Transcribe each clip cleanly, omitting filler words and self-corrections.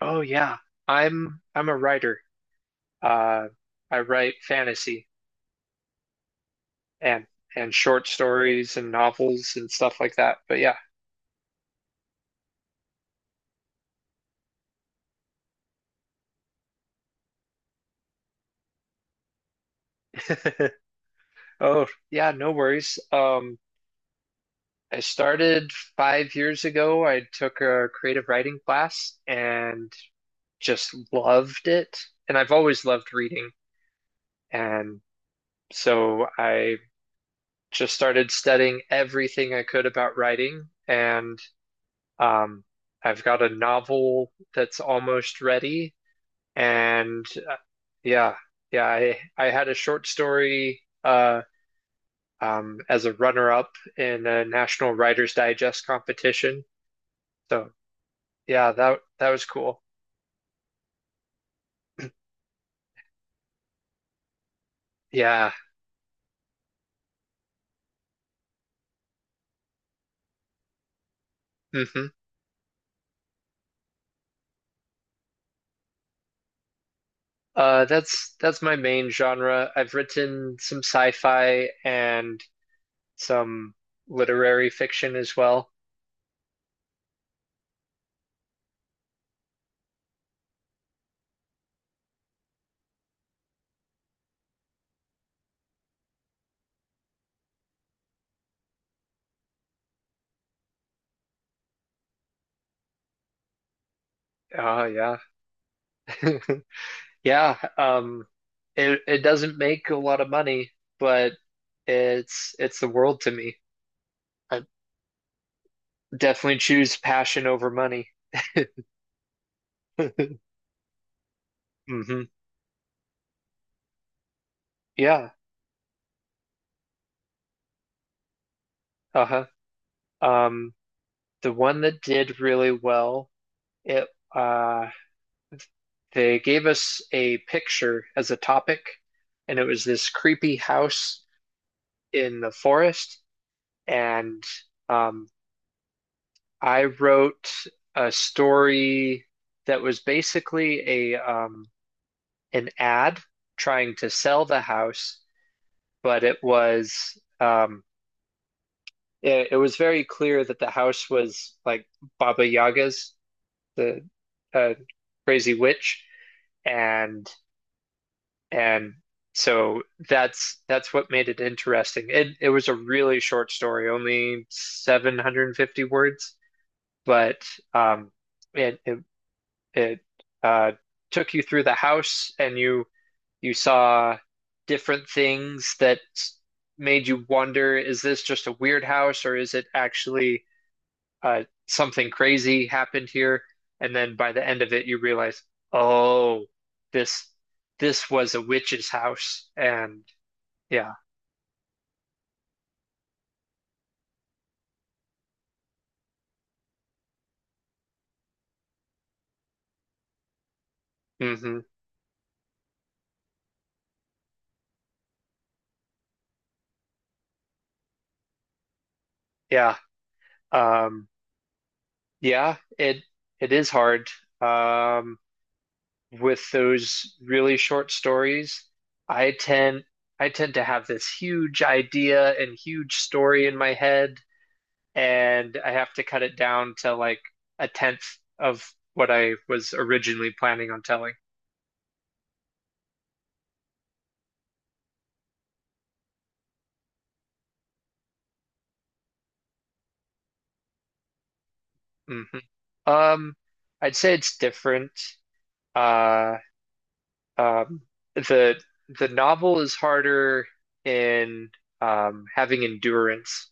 Oh yeah, I'm a writer. Uh, I write fantasy and and short stories and novels and stuff like that. But yeah. Oh no worries. I started 5 years ago. I took a creative writing class and just loved it. And I've always loved reading. And so I just started studying everything I could about writing and Um, I've got a novel that's almost ready, and yeah, yeah, I had a short story as a runner-up in a National Writers Digest competition. So yeah, that was cool. Yeah. hmm that's my main genre. I've written some sci-fi and some literary fiction as well. Yeah. Yeah, it doesn't make a lot of money, but it's the world to me. I definitely choose passion over money. hmm Yeah. Uh-huh. Um, the one that did really well, it uh they gave us a picture as a topic, and it was this creepy house in the forest. And um I wrote a story that was basically a an ad trying to sell the house, but it was it was very clear that the house was like Baba Yaga's, the uh, crazy witch, and and so that's what made it interesting. It was a really short story, only 750 words, but um, it, it It uh, took you through the house, and you saw different things that made you wonder, is this just a weird house, or is it actually something crazy happened here? And then by the end of it, you realize, oh, this this was a witch's house, and yeah. hmm yeah, um, yeah, it is hard. Um, with those really short stories, I tend I tend to have this huge idea and huge story in my head, and I have to cut it down to like a tenth of what I was originally planning on telling. hmm Um, I'd say it's different. Uh, um, the the novel is harder in having endurance.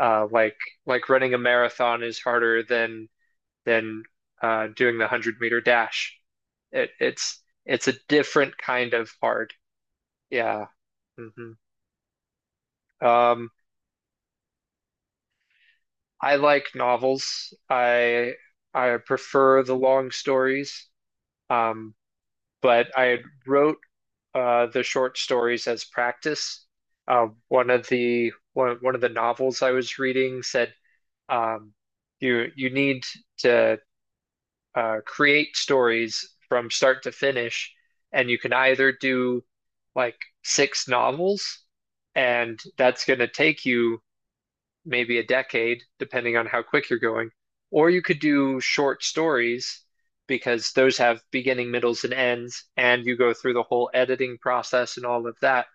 Uh, like like running a marathon is harder than than doing the 100-meter dash. It's a different kind of hard. Yeah. hmm Um, I like novels. I prefer the long stories. Um, but I wrote the short stories as practice. One of the one of the novels I was reading said um, you need to create stories from start to finish, and you can either do like six novels, and that's going to take you maybe a decade, depending on how quick you're going, or you could do short stories because those have beginning, middles, and ends, and you go through the whole editing process and all of that,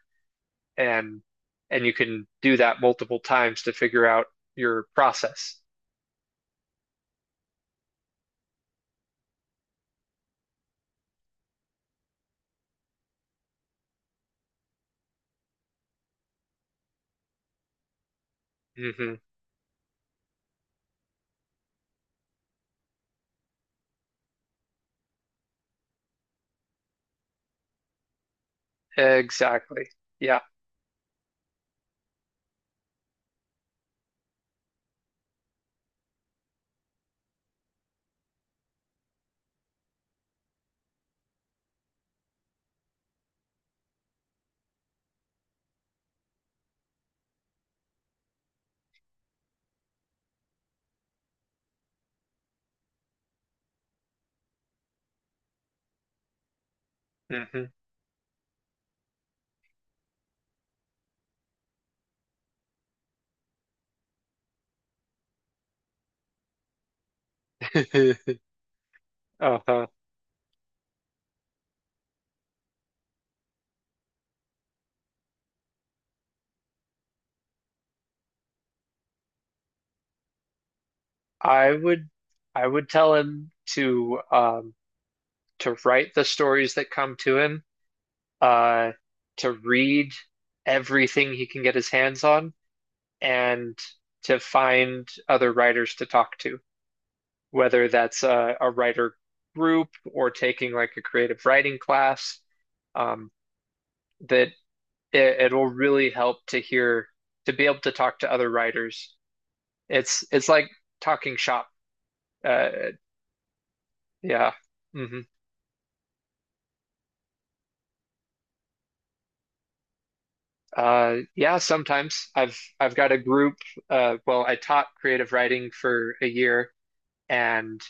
and and you can do that multiple times to figure out your process. hmm Exactly. Yeah. hmm Uh-huh. I would I would tell him to write the stories that come to him, uh to read everything he can get his hands on and to find other writers to talk to, whether that's a writer group or taking like a creative writing class, um that it, it'll really help to be able to talk to other writers. It's like talking shop. Uh yeah. hmm yeah, sometimes I've got a group. Well, I taught creative writing for a year, and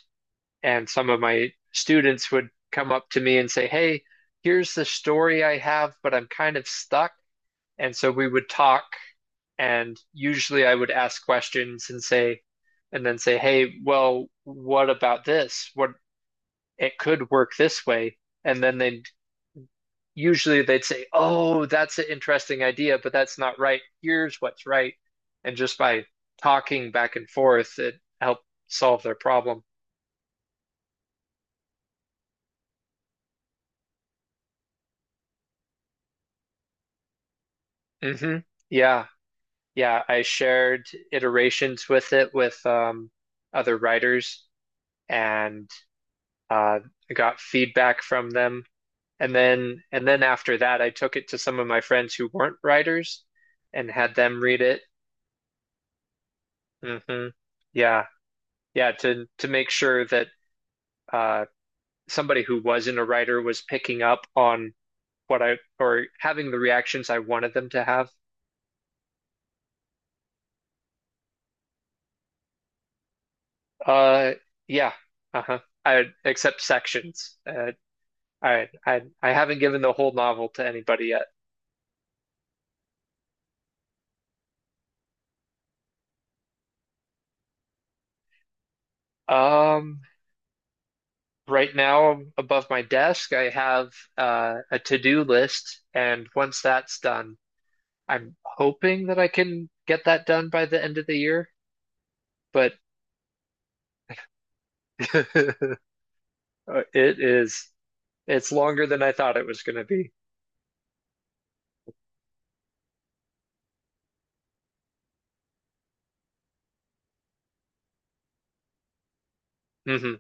and some of my students would come up to me and say, "Hey, here's the story I have, but I'm kind of stuck." And so we would talk, and usually I would ask questions and say, and then say, "Hey, well, what about this? What It could work this way." And then they usually they'd say, "Oh, that's an interesting idea, but that's not right. Here's what's right." And just by talking back and forth, it helped solve their problem. hmm Yeah. Yeah. I shared iterations with it with other writers and uh, I got feedback from them. And then after that, I took it to some of my friends who weren't writers and had them read it. hmm Yeah. Yeah, to make sure that uh somebody who wasn't a writer was picking up on what I or having the reactions I wanted them to have. Uh, yeah, uh-huh. I accept sections. I haven't given the whole novel to anybody yet. Um, right now above my desk, I have a to-do list, and once that's done, I'm hoping that I can get that done by the end of the year. But it is it's longer than I thought it was going to be. hmm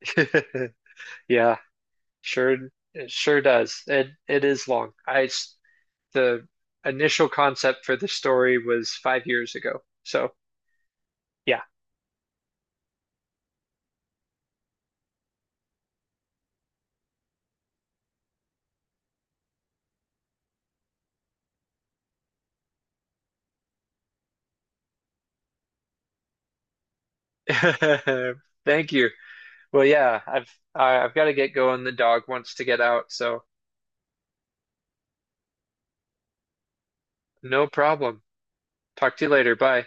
Yeah, sure, it sure does. It is long. The initial concept for the story was 5 years ago. So yeah, thank you. Well, yeah, I've got to get going. The dog wants to get out, so no problem. Talk to you later. Bye.